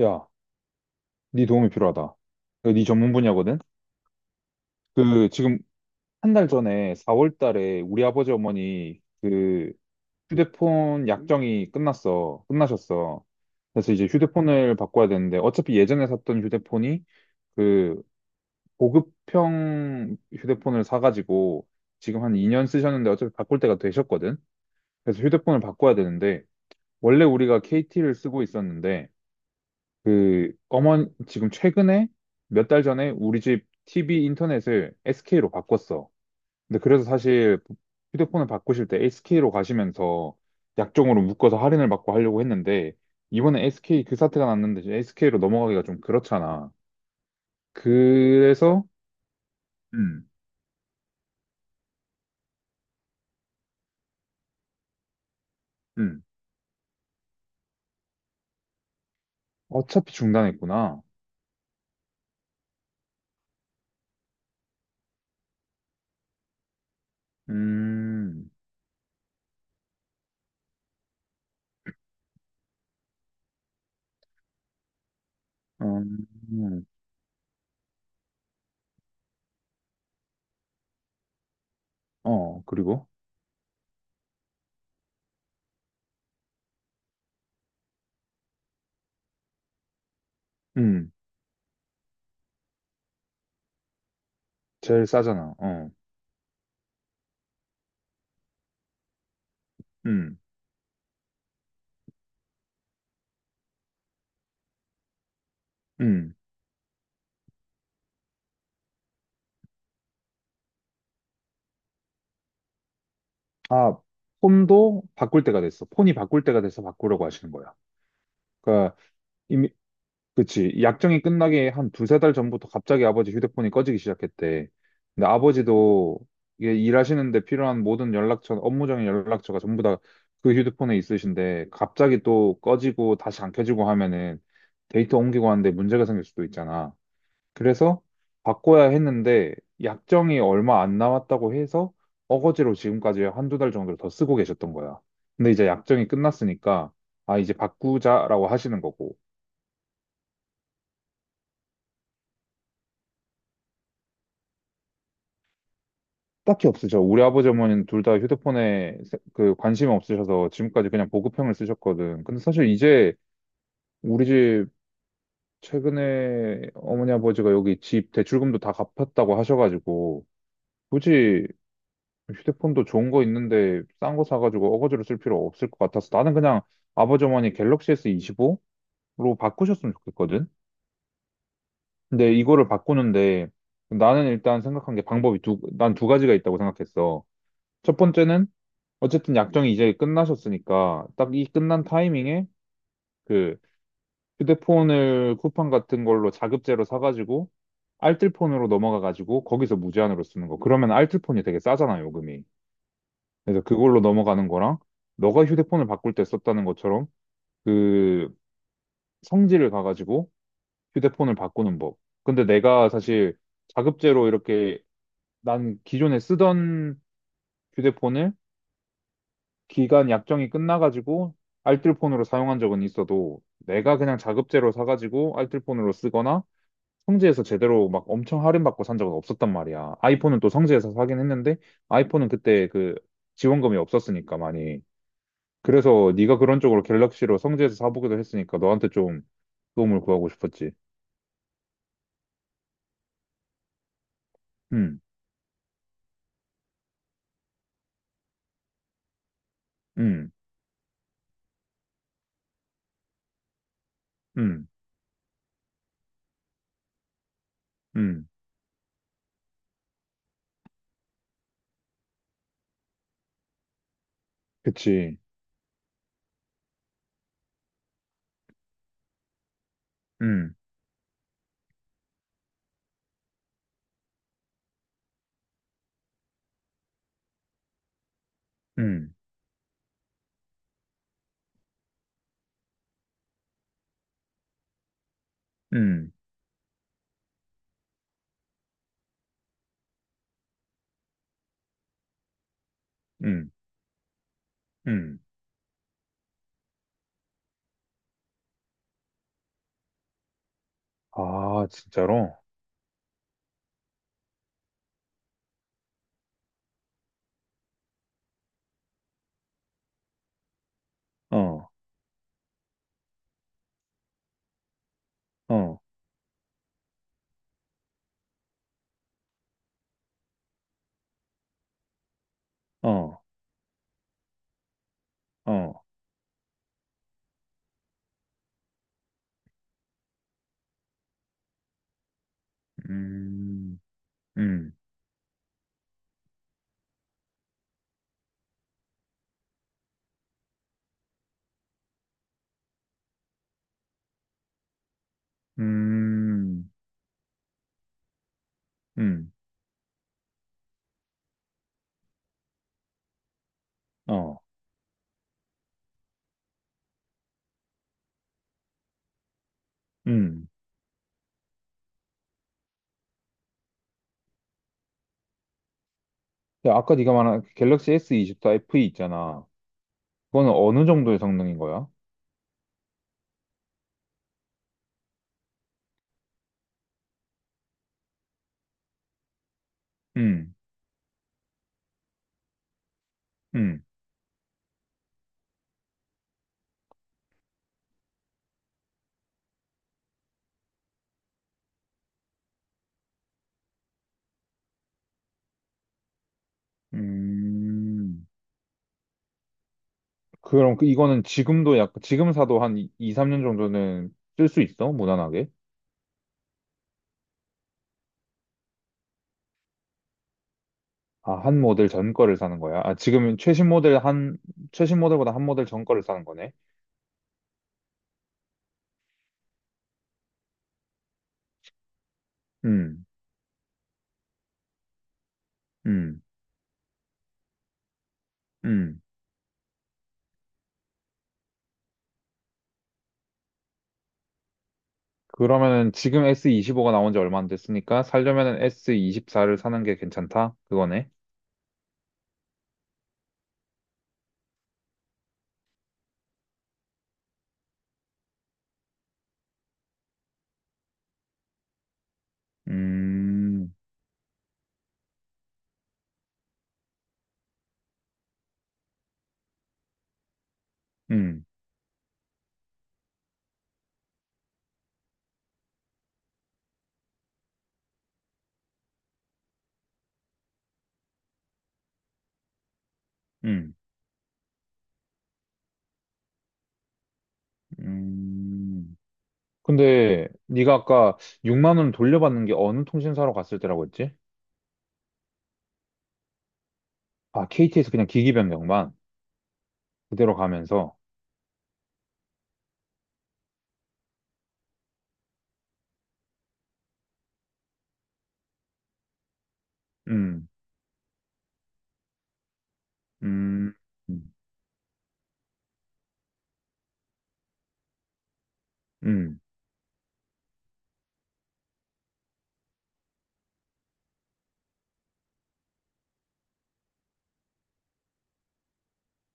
야, 네 도움이 필요하다. 이거 네 전문 분야거든? 그, 지금 한 달 전에 4월 달에 우리 아버지 어머니 그 휴대폰 약정이 끝났어. 끝나셨어. 그래서 이제 휴대폰을 바꿔야 되는데 어차피 예전에 샀던 휴대폰이 그 고급형 휴대폰을 사가지고 지금 한 2년 쓰셨는데 어차피 바꿀 때가 되셨거든? 그래서 휴대폰을 바꿔야 되는데 원래 우리가 KT를 쓰고 있었는데 그 어머니 지금 최근에 몇 달 전에 우리 집 TV 인터넷을 SK로 바꿨어. 근데 그래서 사실 휴대폰을 바꾸실 때 SK로 가시면서 약정으로 묶어서 할인을 받고 하려고 했는데 이번에 SK 그 사태가 났는데 SK로 넘어가기가 좀 그렇잖아. 그래서 음, 음. 어차피 중단했구나. 음, 음, 음. 어, 그리고 음, 제일 싸잖아. 어, 음, 음. 아, 폰도 바꿀 때가 됐어. 폰이 바꿀 때가 돼서 바꾸려고 하시는 거야. 그러니까 이미 그치. 약정이 끝나기 한 두세 달 전부터 갑자기 아버지 휴대폰이 꺼지기 시작했대. 근데 아버지도 이게 일하시는데 필요한 모든 연락처, 업무적인 연락처가 전부 다 그 휴대폰에 있으신데 갑자기 또 꺼지고 다시 안 켜지고 하면은 데이터 옮기고 하는데 문제가 생길 수도 있잖아. 그래서 바꿔야 했는데 약정이 얼마 안 남았다고 해서 어거지로 지금까지 한두 달 정도를 더 쓰고 계셨던 거야. 근데 이제 약정이 끝났으니까 아 이제 바꾸자라고 하시는 거고 딱히 없으셔. 우리 아버지 어머니는 둘 다 휴대폰에 관심이 없으셔서 지금까지 그냥 보급형을 쓰셨거든. 근데 사실 이제 우리 집 최근에 어머니 아버지가 여기 집 대출금도 다 갚았다고 하셔가지고 굳이 휴대폰도 좋은 거 있는데 싼 거 사가지고 어거지로 쓸 필요 없을 것 같아서 나는 그냥 아버지 어머니 갤럭시 S25로 바꾸셨으면 좋겠거든. 근데 이거를 바꾸는데 나는 일단 생각한 게 방법이 난 두 가지가 있다고 생각했어. 첫 번째는 어쨌든 약정이 이제 끝나셨으니까 딱 이 끝난 타이밍에 그 휴대폰을 쿠팡 같은 걸로 자급제로 사가지고 알뜰폰으로 넘어가가지고 거기서 무제한으로 쓰는 거. 그러면 알뜰폰이 되게 싸잖아, 요금이. 그래서 그걸로 넘어가는 거랑 너가 휴대폰을 바꿀 때 썼다는 것처럼 그 성질을 가가지고 휴대폰을 바꾸는 법. 근데 내가 사실 자급제로 이렇게 난 기존에 쓰던 휴대폰을 기간 약정이 끝나가지고 알뜰폰으로 사용한 적은 있어도 내가 그냥 자급제로 사가지고 알뜰폰으로 쓰거나 성지에서 제대로 막 엄청 할인받고 산 적은 없었단 말이야. 아이폰은 또 성지에서 사긴 했는데 아이폰은 그때 그 지원금이 없었으니까 많이. 그래서 네가 그런 쪽으로 갤럭시로 성지에서 사보기도 했으니까 너한테 좀 도움을 구하고 싶었지. 음, 음, 음, 음, 그치. 음, 음, 음, 음, 음. 아, 진짜로? 어, 어, 어, 어, 음, 음, 음, 음, 어, 음. 야, 아까 네가 말한 그 갤럭시 S24 FE 있잖아. 그거는 어느 정도의 성능인 거야? 음, 음, 음. 그럼 이거는 지금도 지금 사도 한 2, 3년 정도는 쓸 수 있어? 무난하게? 아, 한 모델 전 거를 사는 거야? 아, 지금 최신 모델 한, 최신 모델보다 한 모델 전 거를 사는 거네? 음, 음, 음. 그러면은 지금 S25가 나온 지 얼마 안 됐으니까 살려면은 S24를 사는 게 괜찮다? 그거네? 음, 음, 음, 음. 근데 네가 아까 6만 원 돌려받는 게 어느 통신사로 갔을 때라고 했지? 아, KT에서 그냥 기기 변경만. 그대로 가면서, 음, 음, 음. 음.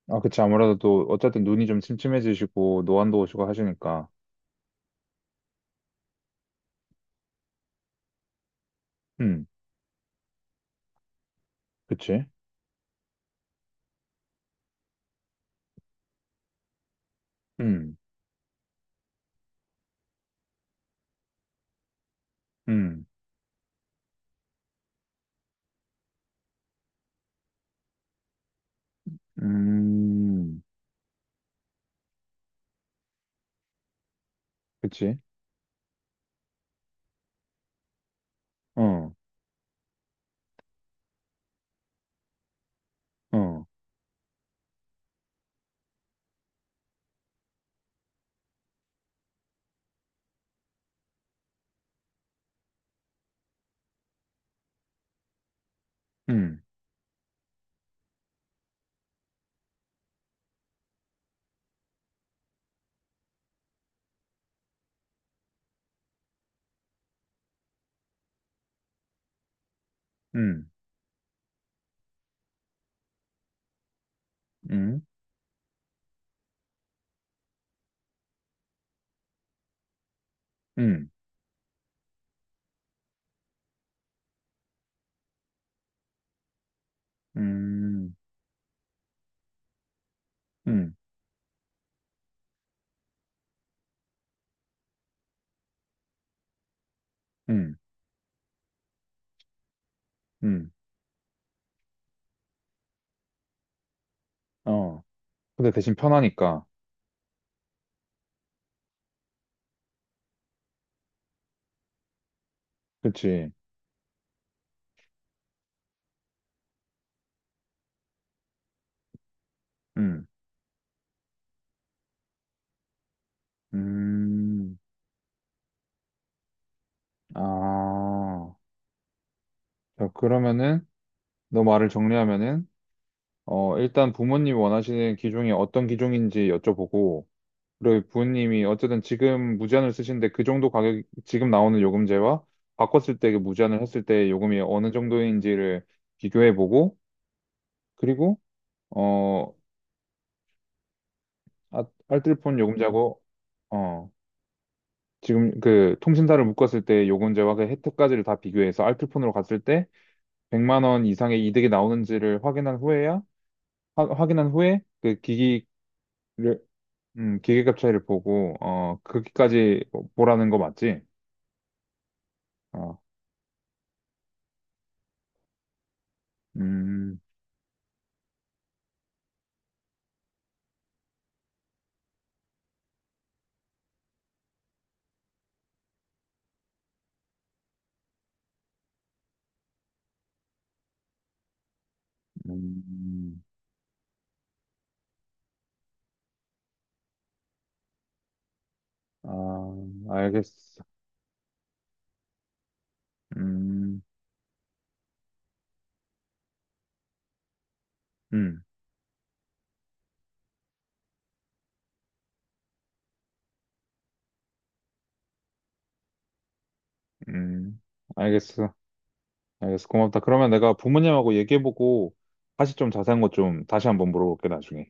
아, 그치. 아무래도 또, 어쨌든 눈이 좀 침침해지시고, 노안도 오시고 하시니까. 음, 그치. 음, 음, 음, 그치. 어, 어, 음, 음, 음, 음, 음, 음, 음, 음, 어. 근데 대신 편하니까. 그치. 음, 음, 아. 자, 그러면은, 너 말을 정리하면은, 어, 일단 부모님 이 원하시는 기종이 어떤 기종인지 여쭤보고, 그리고 부모님이 어쨌든 지금 무제한을 쓰시는데 그 정도 가격, 지금 나오는 요금제와 바꿨을 때 그 무제한을 했을 때 요금이 어느 정도인지를 비교해보고, 그리고, 어, 아, 알뜰폰 요금제하고, 어, 지금 그 통신사를 묶었을 때 요금제와 그 혜택까지를 다 비교해서 알뜰폰으로 갔을 때 100만 원 이상의 이득이 나오는지를 확인한 후에야, 확인한 후에 그 기기 를 기계값 차이를 보고, 어, 거기까지 뭐, 보라는 거 맞지? 어, 음, 음, 아, 알겠어. 음, 음, 음, 알겠어. 알겠어. 고맙다. 그러면 내가 부모님하고 얘기해보고, 다시 좀 자세한 거 좀 다시 한번 물어볼게, 나중에.